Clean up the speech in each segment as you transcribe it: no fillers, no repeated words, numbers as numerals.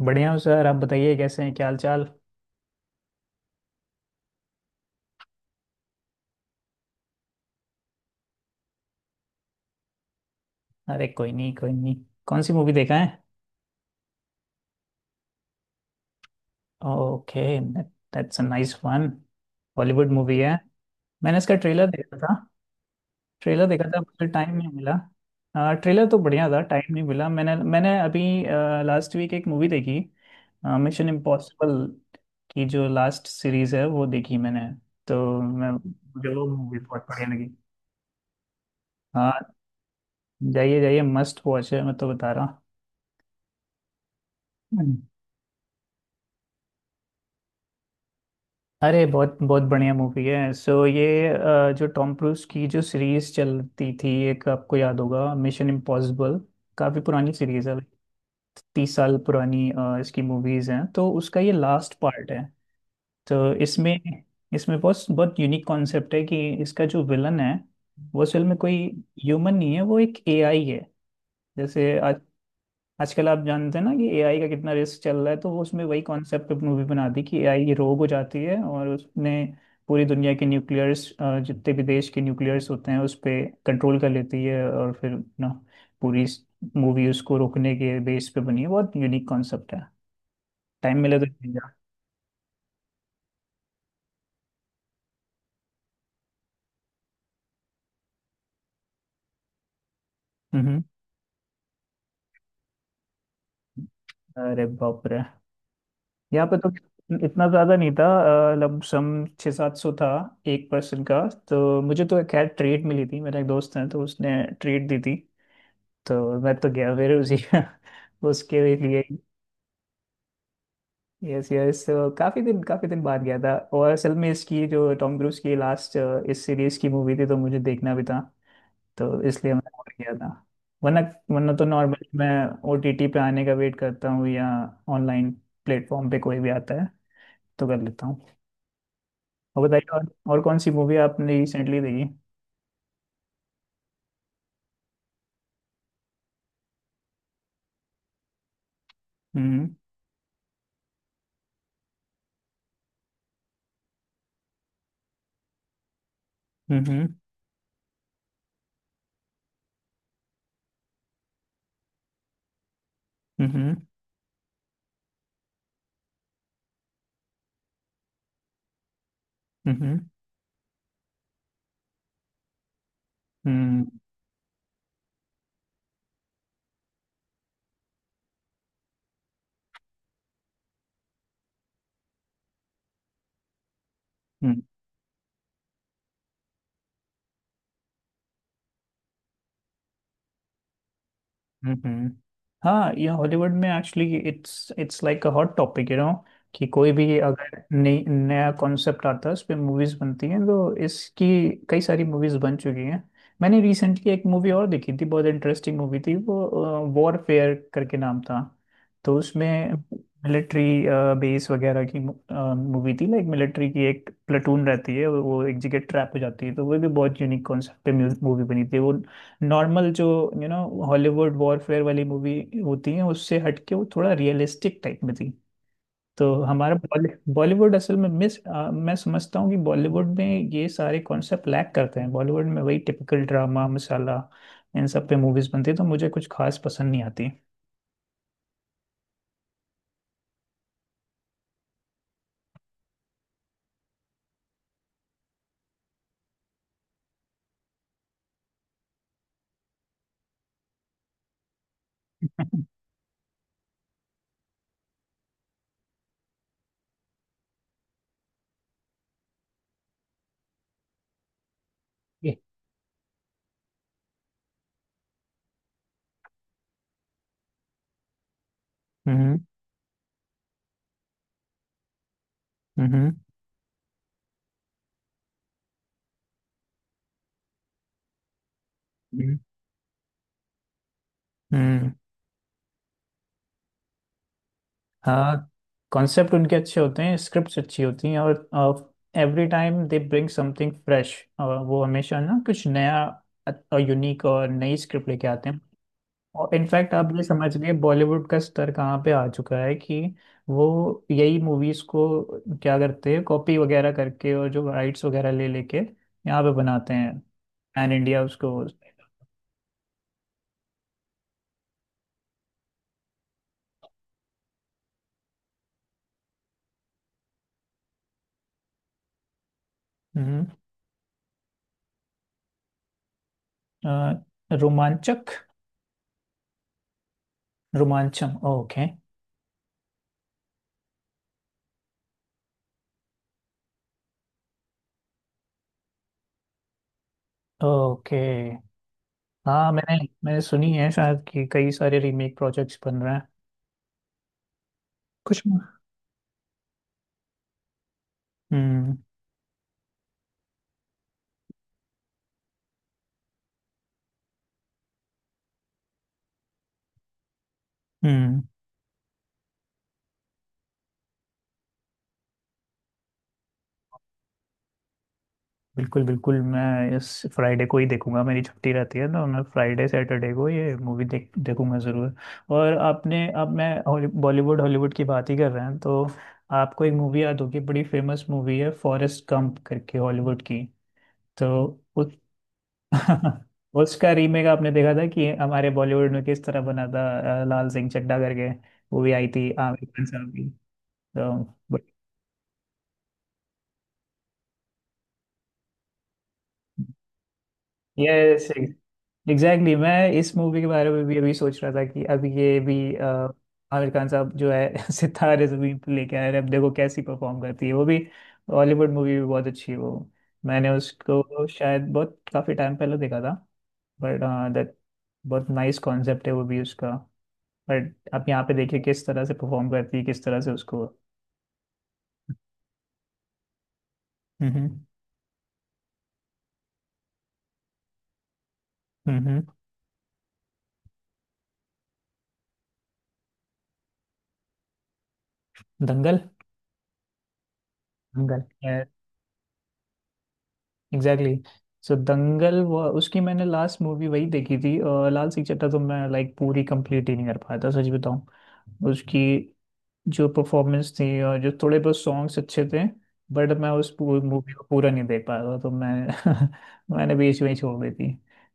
बढ़िया हूँ सर आप बताइए कैसे हैं क्या हाल चाल. अरे कोई नहीं कोई नहीं. कौन सी मूवी देखा है? Okay that's a nice one. Bollywood movie है? मैंने इसका ट्रेलर देखा था. ट्रेलर देखा था मुझे टाइम नहीं मिला. ट्रेलर तो बढ़िया था टाइम नहीं मिला मैंने मैंने अभी लास्ट वीक एक मूवी देखी. मिशन इम्पॉसिबल की जो लास्ट सीरीज है वो देखी मैंने. तो मैं मुझे वो मूवी बहुत बढ़िया लगी. हाँ. जाइए जाइए मस्ट वॉच है मैं तो बता रहा हूँ. अरे बहुत बहुत बढ़िया मूवी है. सो ये जो टॉम क्रूज की जो सीरीज चलती थी एक आपको याद होगा मिशन इम्पॉसिबल. काफी पुरानी सीरीज है. 30 साल पुरानी इसकी मूवीज हैं तो उसका ये लास्ट पार्ट है. तो इसमें इसमें बहुत बहुत यूनिक कॉन्सेप्ट है कि इसका जो विलन है वो असल में कोई ह्यूमन नहीं है, वो एक एआई है. जैसे आजकल आप जानते हैं ना कि एआई का कितना रिस्क चल रहा है, तो वो उसमें वही कॉन्सेप्ट मूवी बना दी कि एआई रोग हो जाती है और उसने पूरी दुनिया के न्यूक्लियर्स, जितने भी देश के न्यूक्लियर्स होते हैं, उस पे कंट्रोल कर लेती है और फिर ना पूरी मूवी उसको रोकने के बेस पे बनी है. बहुत यूनिक कॉन्सेप्ट है. टाइम मिले तो देखिएगा। हम्म. अरे बाप रे. यहाँ पे तो इतना ज्यादा नहीं था. लमसम 600-700 था एक पर्सन का. तो मुझे तो खैर ट्रेड मिली थी, मेरा एक दोस्त है तो उसने ट्रेड दी थी. तो मैं तो गया फिर उसी उसके लिए. यस यस, तो काफी दिन बाद गया था. और असल में इसकी जो टॉम क्रूज की लास्ट इस सीरीज की मूवी थी तो मुझे देखना भी था, तो इसलिए मैं और गया था. वरना वरना तो नॉर्मली मैं ओटीटी पे आने का वेट करता हूँ या ऑनलाइन प्लेटफॉर्म पे कोई भी आता है तो कर लेता हूँ. और बताइए और कौन सी मूवी आपने रिसेंटली देखी? हम्म हम्म हम्म हम्म हम्म हम्म हम्म हम्म. हाँ, ये हॉलीवुड में actually it's it's like a hot topic you know. कि कोई भी अगर नई नया कॉन्सेप्ट आता है उस पे मूवीज बनती हैं, तो इसकी कई सारी मूवीज बन चुकी हैं. मैंने रिसेंटली एक मूवी और देखी थी, बहुत इंटरेस्टिंग मूवी थी वो. वॉरफेयर करके नाम था. तो उसमें मिलिट्री बेस वगैरह की मूवी थी, लाइक मिलिट्री की एक प्लेटून रहती है और वो एक जगह ट्रैप हो जाती है, तो वो भी बहुत यूनिक कॉन्सेप्ट पे मूवी बनी थी वो. नॉर्मल जो यू नो हॉलीवुड वॉरफेयर वाली मूवी होती है उससे हटके वो थोड़ा रियलिस्टिक टाइप में थी. तो हमारा बॉलीवुड असल में मैं समझता हूँ कि बॉलीवुड में ये सारे कॉन्सेप्ट लैक करते हैं. बॉलीवुड में वही टिपिकल ड्रामा मसाला, इन सब पे मूवीज बनती है, तो मुझे कुछ खास पसंद नहीं आती. हम्म हम्म हम्म हम्म. हाँ, कॉन्सेप्ट उनके अच्छे होते हैं, स्क्रिप्ट्स अच्छी होती हैं और every time they bring something fresh. वो हमेशा ना कुछ नया, यूनिक और नई स्क्रिप्ट लेके आते हैं. और इनफैक्ट आप ये समझ लिए बॉलीवुड का स्तर कहाँ पे आ चुका है कि वो यही मूवीज को क्या करते हैं, कॉपी वगैरह करके और जो राइट्स वगैरह ले लेके यहाँ पे बनाते हैं पैन इंडिया उसको. हम्म. रोमांचक. रोमांचम, ओके. ओके. हाँ, मैंने मैंने सुनी है शायद, कि कई सारे रीमेक प्रोजेक्ट्स बन रहे हैं कुछ. हम्म हम्म. बिल्कुल बिल्कुल, मैं इस फ्राइडे को ही देखूंगा, मेरी छुट्टी रहती है, तो मैं फ्राइडे सैटरडे को ये मूवी देखूंगा ज़रूर. और आपने, अब मैं बॉलीवुड हॉलीवुड की बात ही कर रहे हैं तो, आपको एक मूवी याद होगी, बड़ी फेमस मूवी है फॉरेस्ट गंप करके हॉलीवुड की. तो उस उसका रीमेक आपने देखा था कि हमारे बॉलीवुड में किस तरह बना था, लाल सिंह चड्ढा करके. वो भी आई थी आमिर खान साहब की. तो यस, एग्जैक्टली, मैं इस मूवी के बारे में भी अभी सोच रहा था कि अभी ये भी आमिर खान साहब जो है सितारे जमीन पर लेके आए हैं, अब देखो कैसी परफॉर्म करती है वो भी. हॉलीवुड मूवी भी बहुत अच्छी है वो. मैंने उसको शायद बहुत काफी टाइम पहले देखा था, बट दैट, बहुत नाइस कॉन्सेप्ट है वो भी उसका. बट आप यहाँ पे देखिए किस तरह से परफॉर्म करती है, किस तरह से उसको. हम्म हम्म. दंगल. दंगल, एग्जैक्टली. सो दंगल वो उसकी मैंने लास्ट मूवी वही देखी थी, और लाल सिंह चड्ढा तो मैं लाइक पूरी कंप्लीट ही नहीं कर पाया था, सच बताऊं. उसकी जो परफॉर्मेंस थी और जो थोड़े बहुत सॉन्ग्स अच्छे थे, बट मैं उस पूरी मूवी को पूरा नहीं देख पाया था, तो मैं मैंने बीच में ही छोड़ दी थी.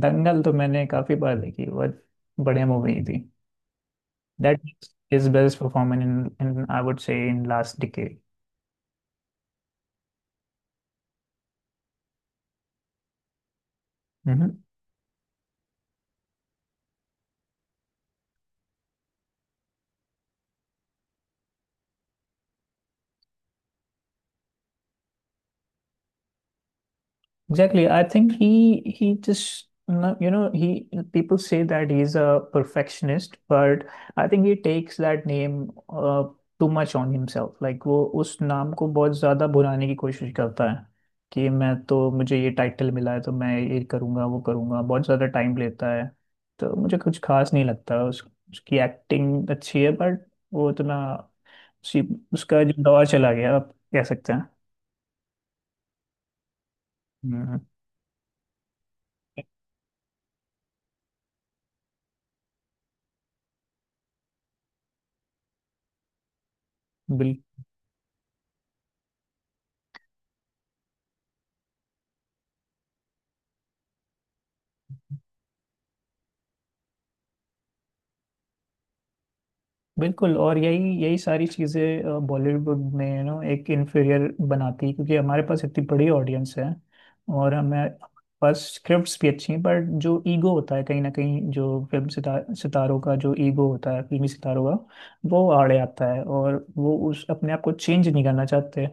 दंगल तो मैंने काफी बार देखी, बहुत बढ़िया मूवी थी. That is his best performance in I would say in last decade. Hmm. Exactly. I think he just you know, he people say that he's a perfectionist, but I think he takes that name too much on himself. Like वो उस नाम को बहुत ज्यादा भुनाने की कोशिश करता है कि मैं, तो मुझे ये टाइटल मिला है तो मैं ये करूंगा वो करूंगा, बहुत ज्यादा टाइम लेता है, तो मुझे कुछ खास नहीं लगता उसकी एक्टिंग अच्छी है बट वो उतना उसी उसका जो दौर चला गया आप कह सकते हैं. हम्म. बिल, बिल्कुल, और यही यही सारी चीज़ें बॉलीवुड में यू नो एक इन्फीरियर बनाती है, क्योंकि हमारे पास इतनी बड़ी ऑडियंस है और हमें, हमारे पास स्क्रिप्ट्स भी अच्छी हैं, बट जो ईगो होता है कहीं ना कहीं जो सितारों का जो ईगो होता है, फिल्मी सितारों का, वो आड़े आता है और वो उस अपने आप को चेंज नहीं करना चाहते.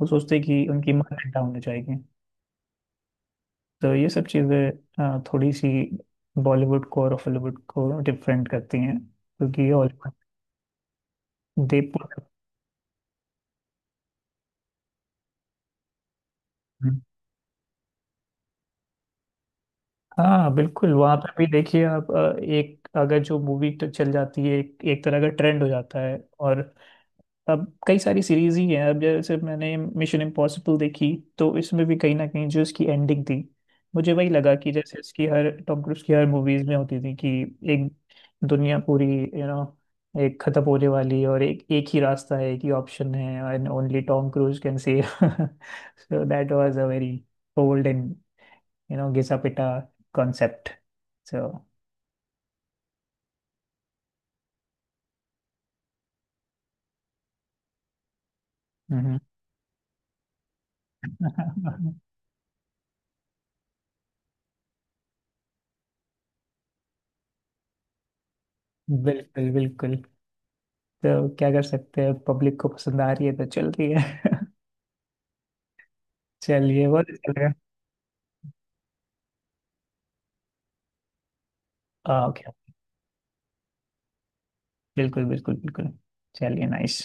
वो सोचते हैं कि उनकी मान्यता होनी चाहिए. तो ये सब चीज़ें थोड़ी सी बॉलीवुड को और हॉलीवुड को डिफरेंट करती हैं, क्योंकि ये हॉलीवुड दे पूरा- हाँ, बिल्कुल, वहाँ पर भी देखिए आप, एक अगर जो मूवी तो चल जाती है, एक तरह का ट्रेंड हो जाता है. और अब कई सारी सीरीज ही हैं, अब जैसे मैंने मिशन इम्पॉसिबल देखी, तो इसमें भी कहीं ना कहीं जो इसकी एंडिंग थी, मुझे वही लगा कि जैसे इसकी हर टॉम क्रूज की हर मूवीज में होती थी, कि एक दुनिया पूरी, यू नो, एक खत्म होने वाली है और एक एक ही रास्ता है, एक ही ऑप्शन है, and only Tom Cruise can save. So that was a very old and you know घिसा पिटा कॉन्सेप्ट सो. बिल्कुल बिल्कुल, तो क्या कर सकते हैं, पब्लिक को पसंद आ रही है तो चल रही है. चलिए, बहुत अच्छा लगा. ओके. बिल्कुल बिल्कुल बिल्कुल, चलिए, नाइस.